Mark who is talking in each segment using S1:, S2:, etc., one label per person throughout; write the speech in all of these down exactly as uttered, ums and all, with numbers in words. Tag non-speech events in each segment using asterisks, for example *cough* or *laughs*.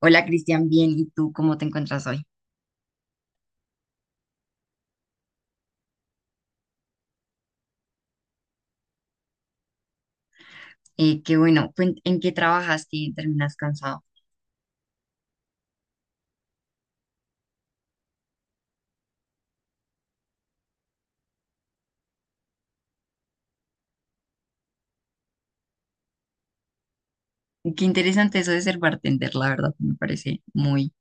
S1: Hola Cristian, bien, ¿y tú cómo te encuentras hoy? Eh, qué bueno, cuen- ¿En qué trabajas y terminas cansado? Qué interesante eso de ser bartender, la verdad, me parece muy,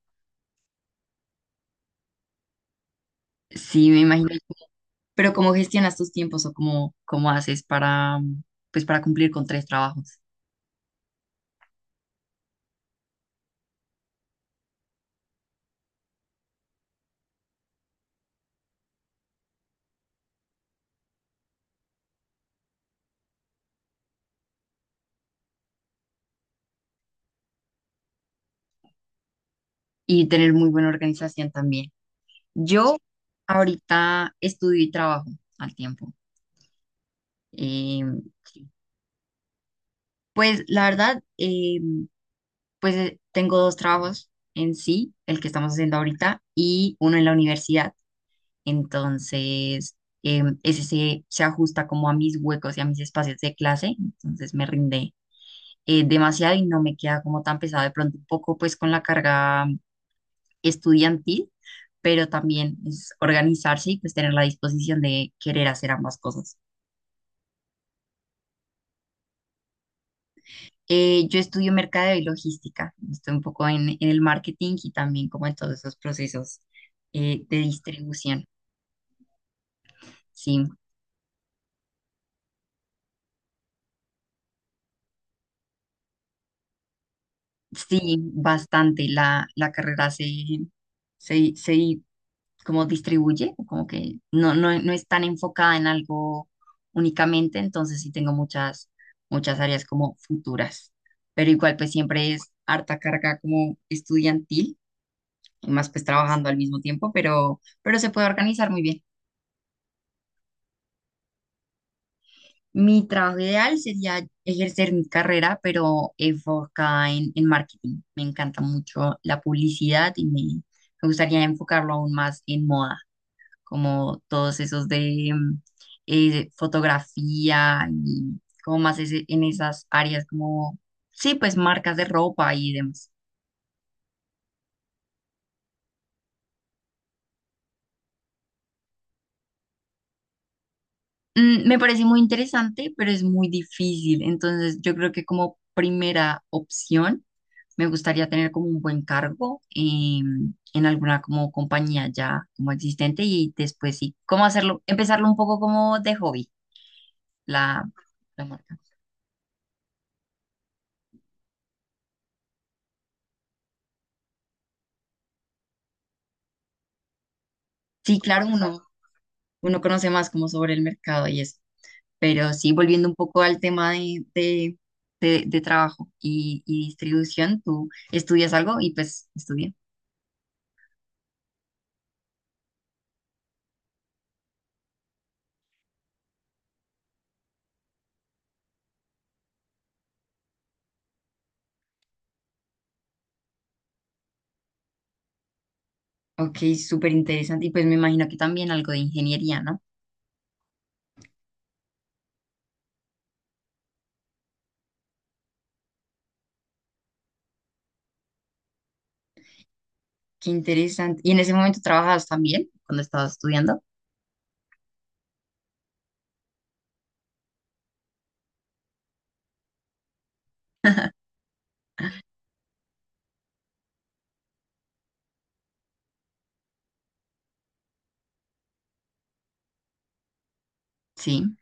S1: sí, me imagino. Pero ¿cómo gestionas tus tiempos o cómo, cómo haces para, mm, pues, para cumplir con tres trabajos y tener muy buena organización también? Yo ahorita estudio y trabajo al tiempo. Em, pues la verdad, eh, Pues eh, tengo dos trabajos en sí, el que estamos haciendo ahorita y uno en la universidad. Entonces, em, ese se, se ajusta como a mis huecos y a mis espacios de clase. Entonces me rinde eh, demasiado y no me queda como tan pesado de pronto un poco pues con la carga estudiantil, pero también es organizarse y pues tener la disposición de querer hacer ambas cosas. Eh, yo estudio mercadeo y logística, estoy un poco en, en el marketing y también como en todos esos procesos eh, de distribución. Sí, sí, bastante. La, la carrera se, se, se como distribuye, como que no, no, no es tan enfocada en algo únicamente, entonces sí tengo muchas, muchas áreas como futuras, pero igual pues siempre es harta carga como estudiantil, y más pues trabajando al mismo tiempo, pero, pero se puede organizar muy bien. Mi trabajo ideal sería ejercer mi carrera, pero enfocada en, en marketing. Me encanta mucho la publicidad y me, me gustaría enfocarlo aún más en moda, como todos esos de mm, eh, fotografía y como más ese- en esas áreas como, sí, pues marcas de ropa y demás. Mm, me parece muy interesante, pero es muy difícil. Entonces, yo creo que como primera opción me gustaría tener como un buen cargo em, en alguna como compañía ya como existente y después sí, cómo hacerlo, empezarlo un poco como de hobby, la, la marca. Sí, claro, uno, uno conoce más como sobre el mercado y eso, pero sí, volviendo un poco al tema de, de, de, de trabajo y, y distribución, tú estudias algo y pues estudia. Ok, súper interesante y pues me imagino que también algo de ingeniería, ¿no? Qué interesante. ¿Y en ese momento trabajabas también cuando estabas estudiando? Sí.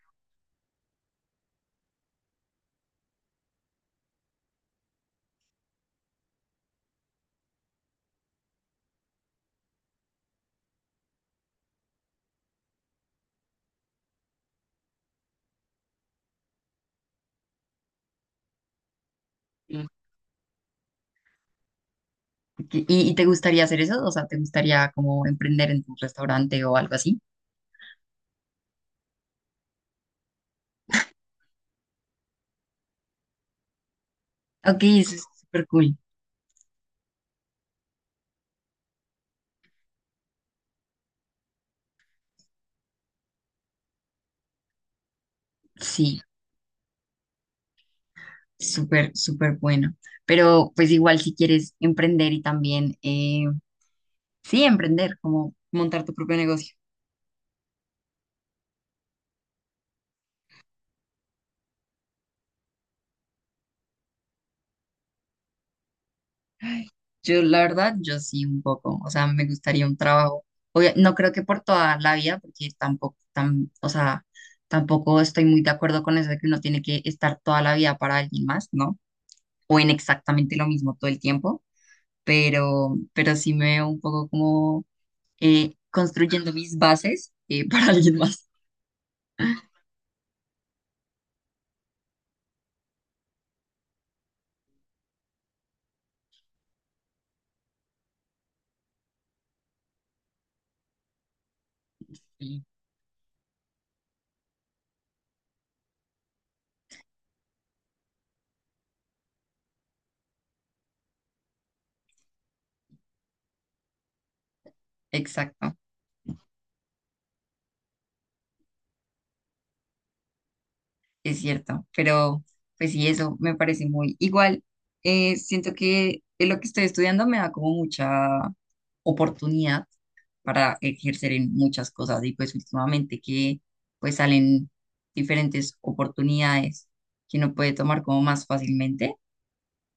S1: ¿Y, y te gustaría hacer eso? O sea, ¿te gustaría como emprender en tu restaurante o algo así? Ok, eso es súper cool. Sí, súper, súper bueno. Pero pues igual si quieres emprender y también, eh, sí, emprender, como montar tu propio negocio. Ay, yo, la verdad, yo sí un poco. O sea, me gustaría un trabajo. Obvia- no creo que por toda la vida, porque tampoco, tam- o sea, tampoco estoy muy de acuerdo con eso de que uno tiene que estar toda la vida para alguien más, ¿no? O en exactamente lo mismo todo el tiempo, pero, pero sí me veo un poco como eh, construyendo mis bases eh, *laughs* para alguien más. Sí, exacto, es cierto, pero pues sí, eso me parece muy igual. Eh, siento que eh, lo que estoy estudiando me da como mucha oportunidad para ejercer en muchas cosas y pues últimamente que pues salen diferentes oportunidades que uno puede tomar como más fácilmente,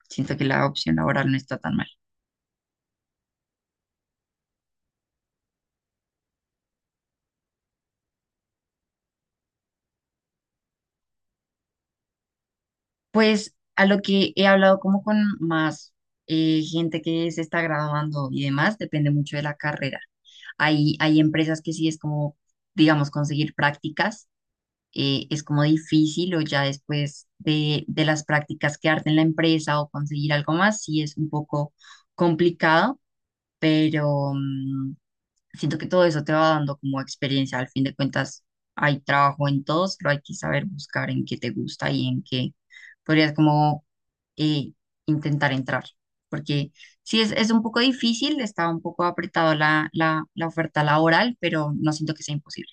S1: siento que la opción laboral no está tan mal. Pues a lo que he hablado como con más eh, gente que se está graduando y demás, depende mucho de la carrera. Hay, hay empresas que sí es como, digamos, conseguir prácticas, eh, es como difícil o ya después de, de las prácticas quedarte en la empresa o conseguir algo más, sí es un poco complicado, pero mm, siento que todo eso te va dando como experiencia. Al fin de cuentas, hay trabajo en todos, pero hay que saber buscar en qué te gusta y en qué podrías como eh, intentar entrar, porque sí es, es un poco difícil, está un poco apretado la, la, la oferta laboral, pero no siento que sea imposible.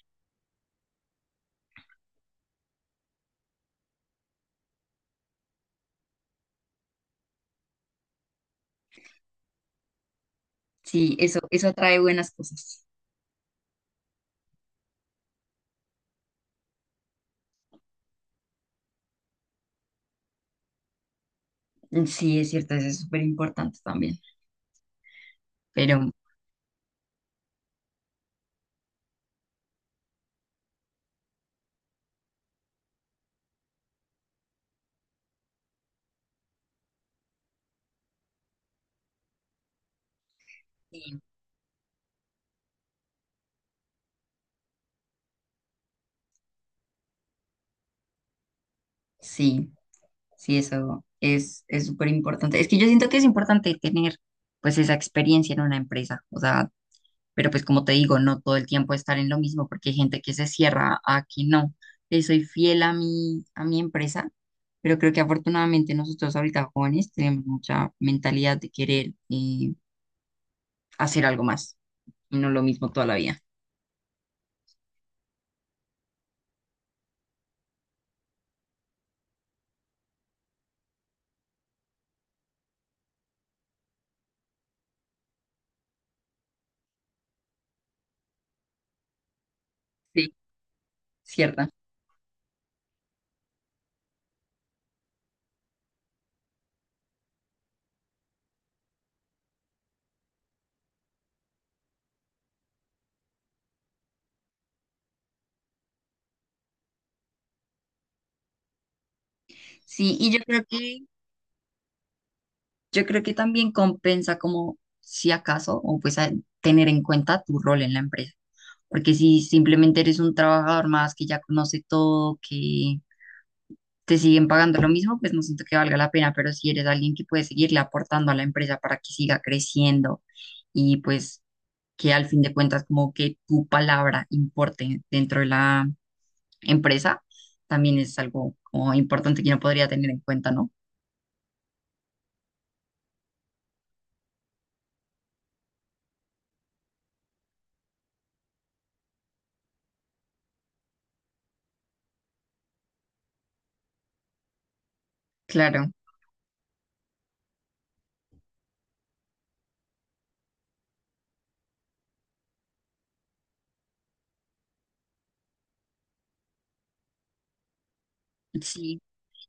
S1: Sí, eso, eso atrae buenas cosas. Sí, es cierto, eso es súper importante también, pero sí, sí, sí, eso es, es súper importante. Es que yo siento que es importante tener pues esa experiencia en una empresa, o sea, pero pues como te digo, no todo el tiempo estar en lo mismo porque hay gente que se cierra a que no. Le soy fiel a mi, a mi empresa, pero creo que afortunadamente nosotros ahorita jóvenes tenemos mucha mentalidad de querer eh, hacer algo más y no lo mismo toda la vida. Sí, cierta. Sí, y yo creo que, yo creo que también compensa como si acaso, o pues a- tener en cuenta tu rol en la empresa. Porque si simplemente eres un trabajador más que ya conoce todo, que te siguen pagando lo mismo, pues no siento que valga la pena, pero si eres alguien que puede seguirle aportando a la empresa para que siga creciendo y pues que al fin de cuentas como que tu palabra importe dentro de la empresa, también es algo como importante que no podría tener en cuenta, ¿no? Claro, sí.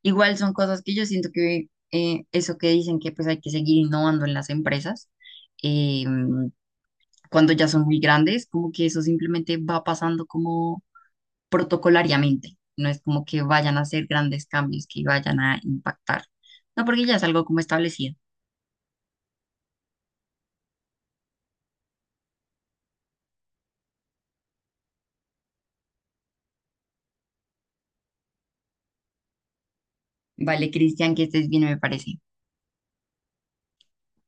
S1: Igual son cosas que yo siento que eh, eso que dicen que pues hay que seguir innovando en las empresas, eh, cuando ya son muy grandes, como que eso simplemente va pasando como protocolariamente. No es como que vayan a hacer grandes cambios que vayan a impactar. No, porque ya es algo como establecido. Vale, Cristian, que estés bien, me parece.